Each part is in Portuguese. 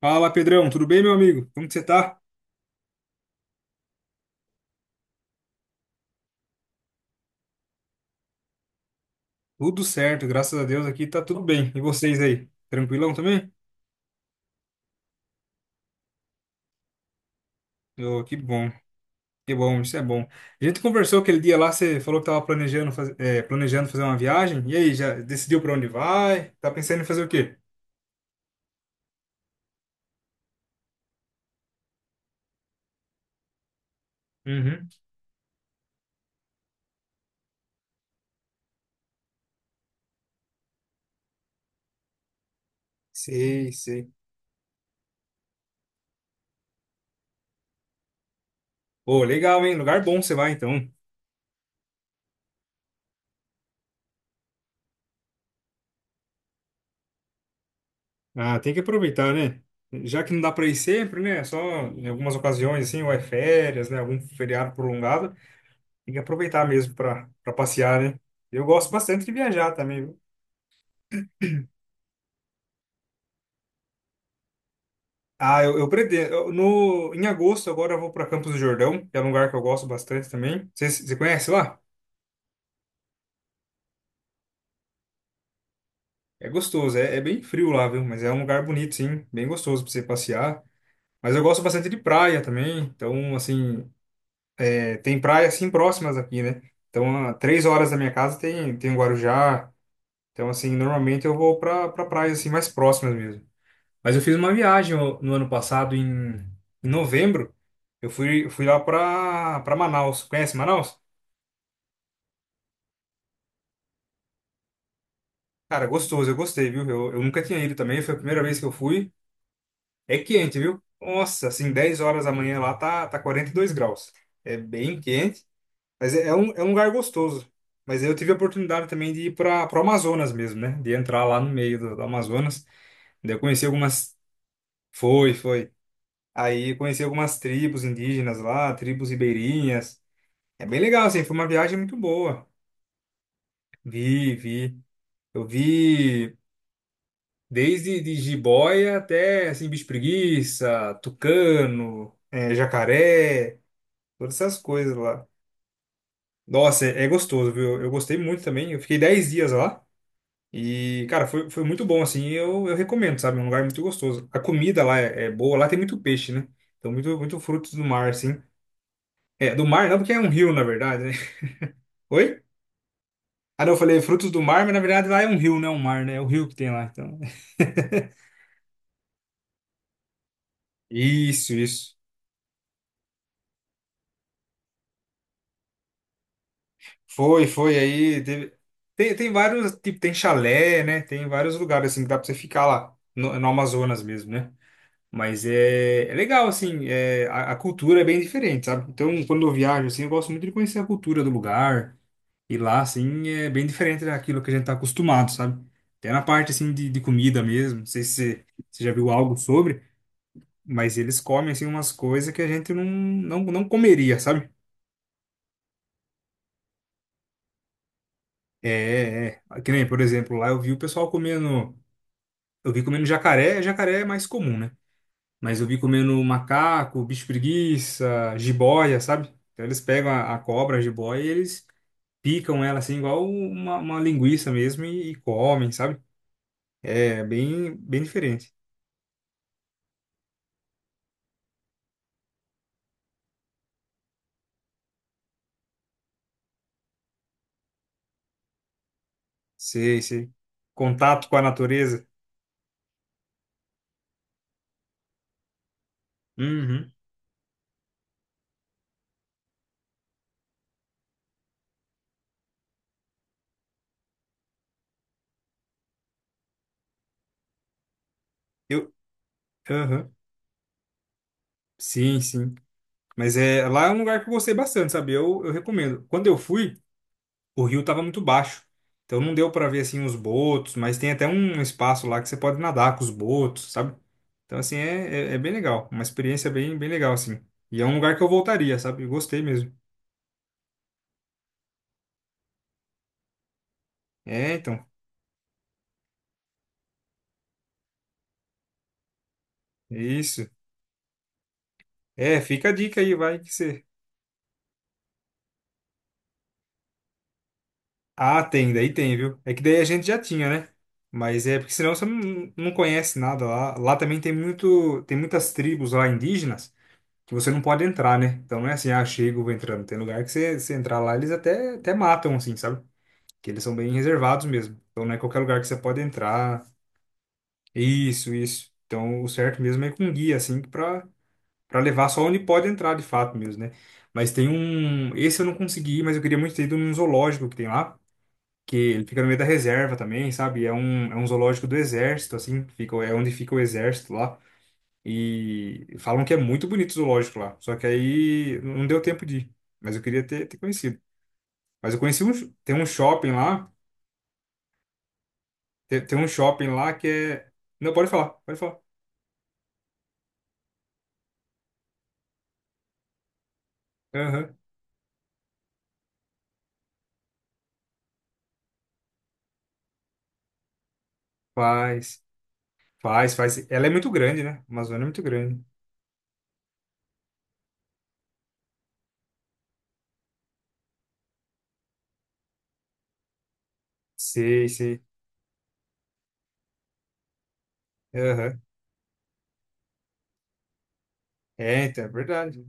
Fala, Pedrão, tudo bem, meu amigo? Como que você tá? Tudo certo, graças a Deus aqui tá tudo bem. E vocês aí? Tranquilão também? Ô, que bom, isso é bom. A gente conversou aquele dia lá, você falou que tava planejando, planejando fazer uma viagem. E aí, já decidiu pra onde vai? Tá pensando em fazer o quê? Uhum. Sei, sei. Pô, legal, hein? Lugar bom você vai então. Ah, tem que aproveitar, né? Já que não dá pra ir sempre, né? É só em algumas ocasiões assim, ou é férias, né? Algum feriado prolongado. Tem que aproveitar mesmo para passear, né? Eu gosto bastante de viajar também, viu? Ah, eu pretendo. Eu- no, Em agosto, agora eu vou para Campos do Jordão, que é um lugar que eu gosto bastante também. Você conhece lá? É gostoso, é, é bem frio lá, viu? Mas é um lugar bonito, sim, bem gostoso para você passear. Mas eu gosto bastante de praia também, então, assim, é, tem praias assim próximas aqui, né? Então, a 3 horas da minha casa tem, tem o Guarujá. Então, assim, normalmente eu vou para pra pra praias assim mais próximas mesmo. Mas eu fiz uma viagem no ano passado, em novembro. Eu fui lá pra Manaus. Conhece Manaus? Cara, gostoso, eu gostei, viu? Eu nunca tinha ido também, foi a primeira vez que eu fui. É quente, viu? Nossa, assim, 10 horas da manhã lá tá 42 graus. É bem quente, mas é um lugar gostoso. Mas eu tive a oportunidade também de ir para o Amazonas mesmo, né? De entrar lá no meio do Amazonas. Daí eu conheci algumas. Foi, foi. Aí eu conheci algumas tribos indígenas lá, tribos ribeirinhas. É bem legal, assim, foi uma viagem muito boa. Vi, vi. Eu vi desde de jiboia até, assim, bicho preguiça, tucano, jacaré, todas essas coisas lá. Nossa, é, é gostoso, viu? Eu gostei muito também. Eu fiquei 10 dias lá e, cara, foi muito bom, assim. Eu recomendo, sabe? É um lugar muito gostoso. A comida lá é boa, lá tem muito peixe, né? Então, muito, muito frutos do mar, assim. É, do mar não, porque é um rio, na verdade, né? Oi? Ah, não, eu falei frutos do mar, mas na verdade lá é um rio, não é um mar, né? É o rio que tem lá, então. Isso, isso. Foi, foi aí. teve- Tem, tem vários, tipo, tem chalé, né? Tem vários lugares assim que dá pra você ficar lá, no Amazonas mesmo, né? Mas é legal, assim, a cultura é bem diferente, sabe? Então, quando eu viajo, assim, eu gosto muito de conhecer a cultura do lugar. E lá, assim, é bem diferente daquilo que a gente tá acostumado, sabe? Até na parte, assim, de comida mesmo. Não sei se você já viu algo sobre. Mas eles comem, assim, umas coisas que a gente não comeria, sabe? Que nem, por exemplo, lá eu vi o pessoal comendo. Eu vi comendo jacaré, jacaré é mais comum, né? Mas eu vi comendo macaco, bicho preguiça, jiboia, sabe? Então eles pegam a cobra, a jiboia, e eles picam ela assim, igual uma linguiça mesmo, e comem, sabe? É bem, bem diferente. Sei, sei. Contato com a natureza. Uhum. Eu, aham. Sim, sim. Mas é, lá é um lugar que eu gostei bastante, sabe? Eu recomendo. Quando eu fui, o rio tava muito baixo. Então não deu pra ver assim os botos, mas tem até um espaço lá que você pode nadar com os botos, sabe? Então assim é bem legal, uma experiência bem bem legal assim. E é um lugar que eu voltaria, sabe? Eu gostei mesmo. É, então, é isso. É, fica a dica aí, vai que você. Ah, tem, daí tem, viu? É que daí a gente já tinha, né? Mas é porque senão você não conhece nada lá. Lá também tem muito, tem muitas tribos lá indígenas. Que você não pode entrar, né? Então não é assim, ah, chego, vou entrando. Tem lugar que você entrar lá, eles até matam, assim, sabe? Que eles são bem reservados mesmo. Então não é qualquer lugar que você pode entrar. Isso, isso. Então o certo mesmo é com um guia, assim, pra levar só onde pode entrar de fato mesmo, né? Mas tem um. Esse eu não consegui, mas eu queria muito ter ido num zoológico que tem lá. Que ele fica no meio da reserva também, sabe? É um zoológico do exército, assim, fica, é onde fica o exército lá. E falam que é muito bonito o zoológico lá. Só que aí não deu tempo de ir. Mas eu queria ter conhecido. Mas eu conheci um. Sh- Tem um shopping lá. Tem, tem um shopping lá que é. Não, pode falar, pode falar. Aham. Faz, faz, faz. Ela é muito grande, né? A Amazônia é muito grande. Sei, sei. Aham. É, então, é verdade.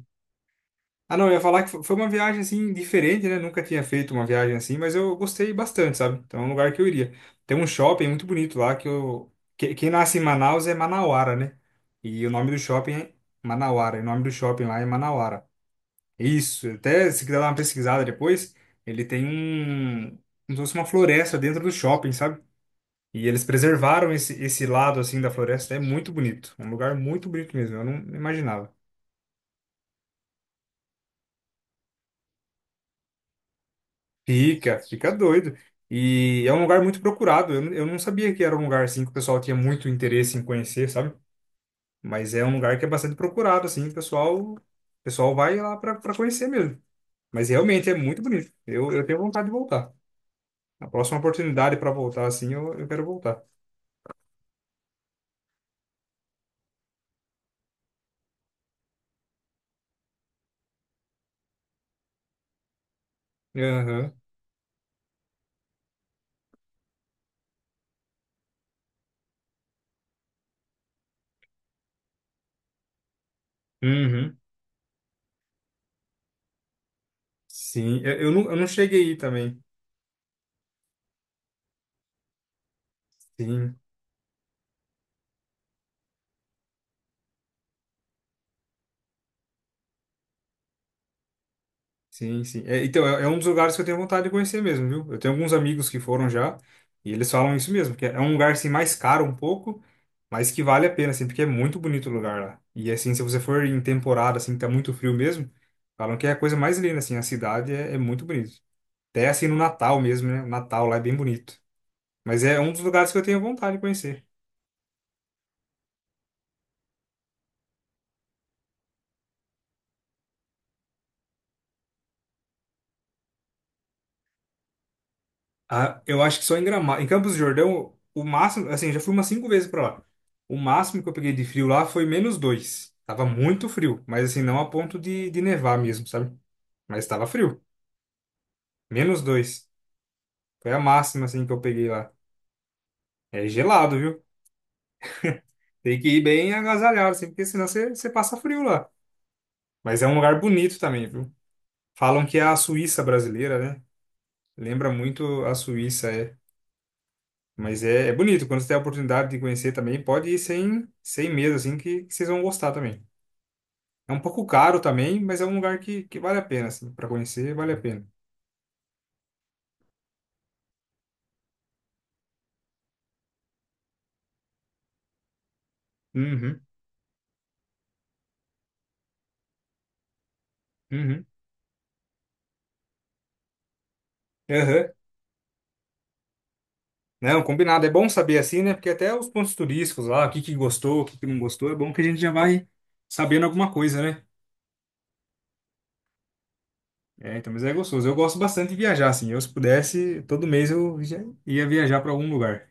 Ah, não, eu ia falar que foi uma viagem assim diferente, né? Nunca tinha feito uma viagem assim, mas eu gostei bastante, sabe? Então é um lugar que eu iria. Tem um shopping muito bonito lá que eu. Que- Quem nasce em Manaus é Manauara, né? E o nome do shopping é Manauara. E o nome do shopping lá é Manauara. Isso, até se quiser dar uma pesquisada depois, ele tem um. Como se fosse uma floresta dentro do shopping, sabe? E eles preservaram esse lado assim da floresta. É muito bonito. Um lugar muito bonito mesmo. Eu não imaginava. Fica, fica doido. E é um lugar muito procurado. Eu não sabia que era um lugar assim que o pessoal tinha muito interesse em conhecer, sabe? Mas é um lugar que é bastante procurado, assim, o pessoal vai lá para conhecer mesmo. Mas realmente é muito bonito. Eu tenho vontade de voltar. A próxima oportunidade para voltar, assim, eu quero voltar. Aham. Uhum. Sim, eu não cheguei aí também. Sim. Sim, sim. É, então, é um dos lugares que eu tenho vontade de conhecer mesmo, viu? Eu tenho alguns amigos que foram já e eles falam isso mesmo, que é um lugar assim mais caro um pouco, mas que vale a pena, assim, porque é muito bonito o lugar lá. E assim, se você for em temporada, assim, que tá muito frio mesmo, falam que é a coisa mais linda, assim, a cidade é muito bonito. Até assim no Natal mesmo, né? O Natal lá é bem bonito. Mas é um dos lugares que eu tenho vontade de conhecer. Ah, eu acho que só em Gramado. Em Campos do Jordão, o máximo, assim, eu já fui umas 5 vezes pra lá. O máximo que eu peguei de frio lá foi -2. Tava muito frio, mas assim, não a ponto de nevar mesmo, sabe? Mas tava frio. -2. Foi a máxima, assim, que eu peguei lá. É gelado, viu? Tem que ir bem agasalhado, assim, porque senão você passa frio lá. Mas é um lugar bonito também, viu? Falam que é a Suíça brasileira, né? Lembra muito a Suíça, é. Mas é bonito, quando você tem a oportunidade de conhecer também, pode ir sem, sem medo, assim, que vocês vão gostar também. É um pouco caro também, mas é um lugar que vale a pena, assim, para conhecer, vale a pena. Uhum, uhum, aham. Não, combinado, é bom saber assim, né? Porque até os pontos turísticos lá, o que que gostou, o que que não gostou, é bom que a gente já vai sabendo alguma coisa, né? É, então, mas é gostoso. Eu gosto bastante de viajar, assim. Eu, se pudesse, todo mês eu já ia viajar para algum lugar.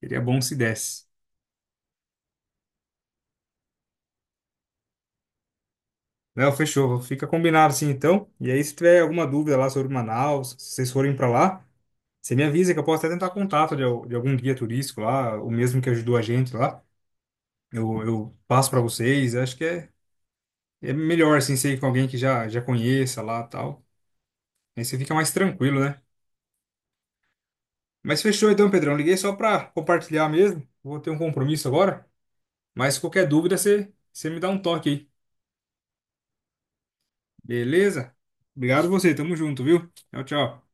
Seria bom se desse. Não, fechou. Fica combinado assim então. E aí, se tiver alguma dúvida lá sobre Manaus, se vocês forem para lá, você me avisa que eu posso até tentar contato de algum guia turístico lá, o mesmo que ajudou a gente lá. Eu passo para vocês. Acho que é melhor assim ser com alguém que já conheça lá tal. Aí você fica mais tranquilo, né? Mas fechou então, Pedrão. Liguei só para compartilhar mesmo. Vou ter um compromisso agora. Mas qualquer dúvida, você me dá um toque aí. Beleza? Obrigado você. Tamo junto, viu? Tchau, tchau.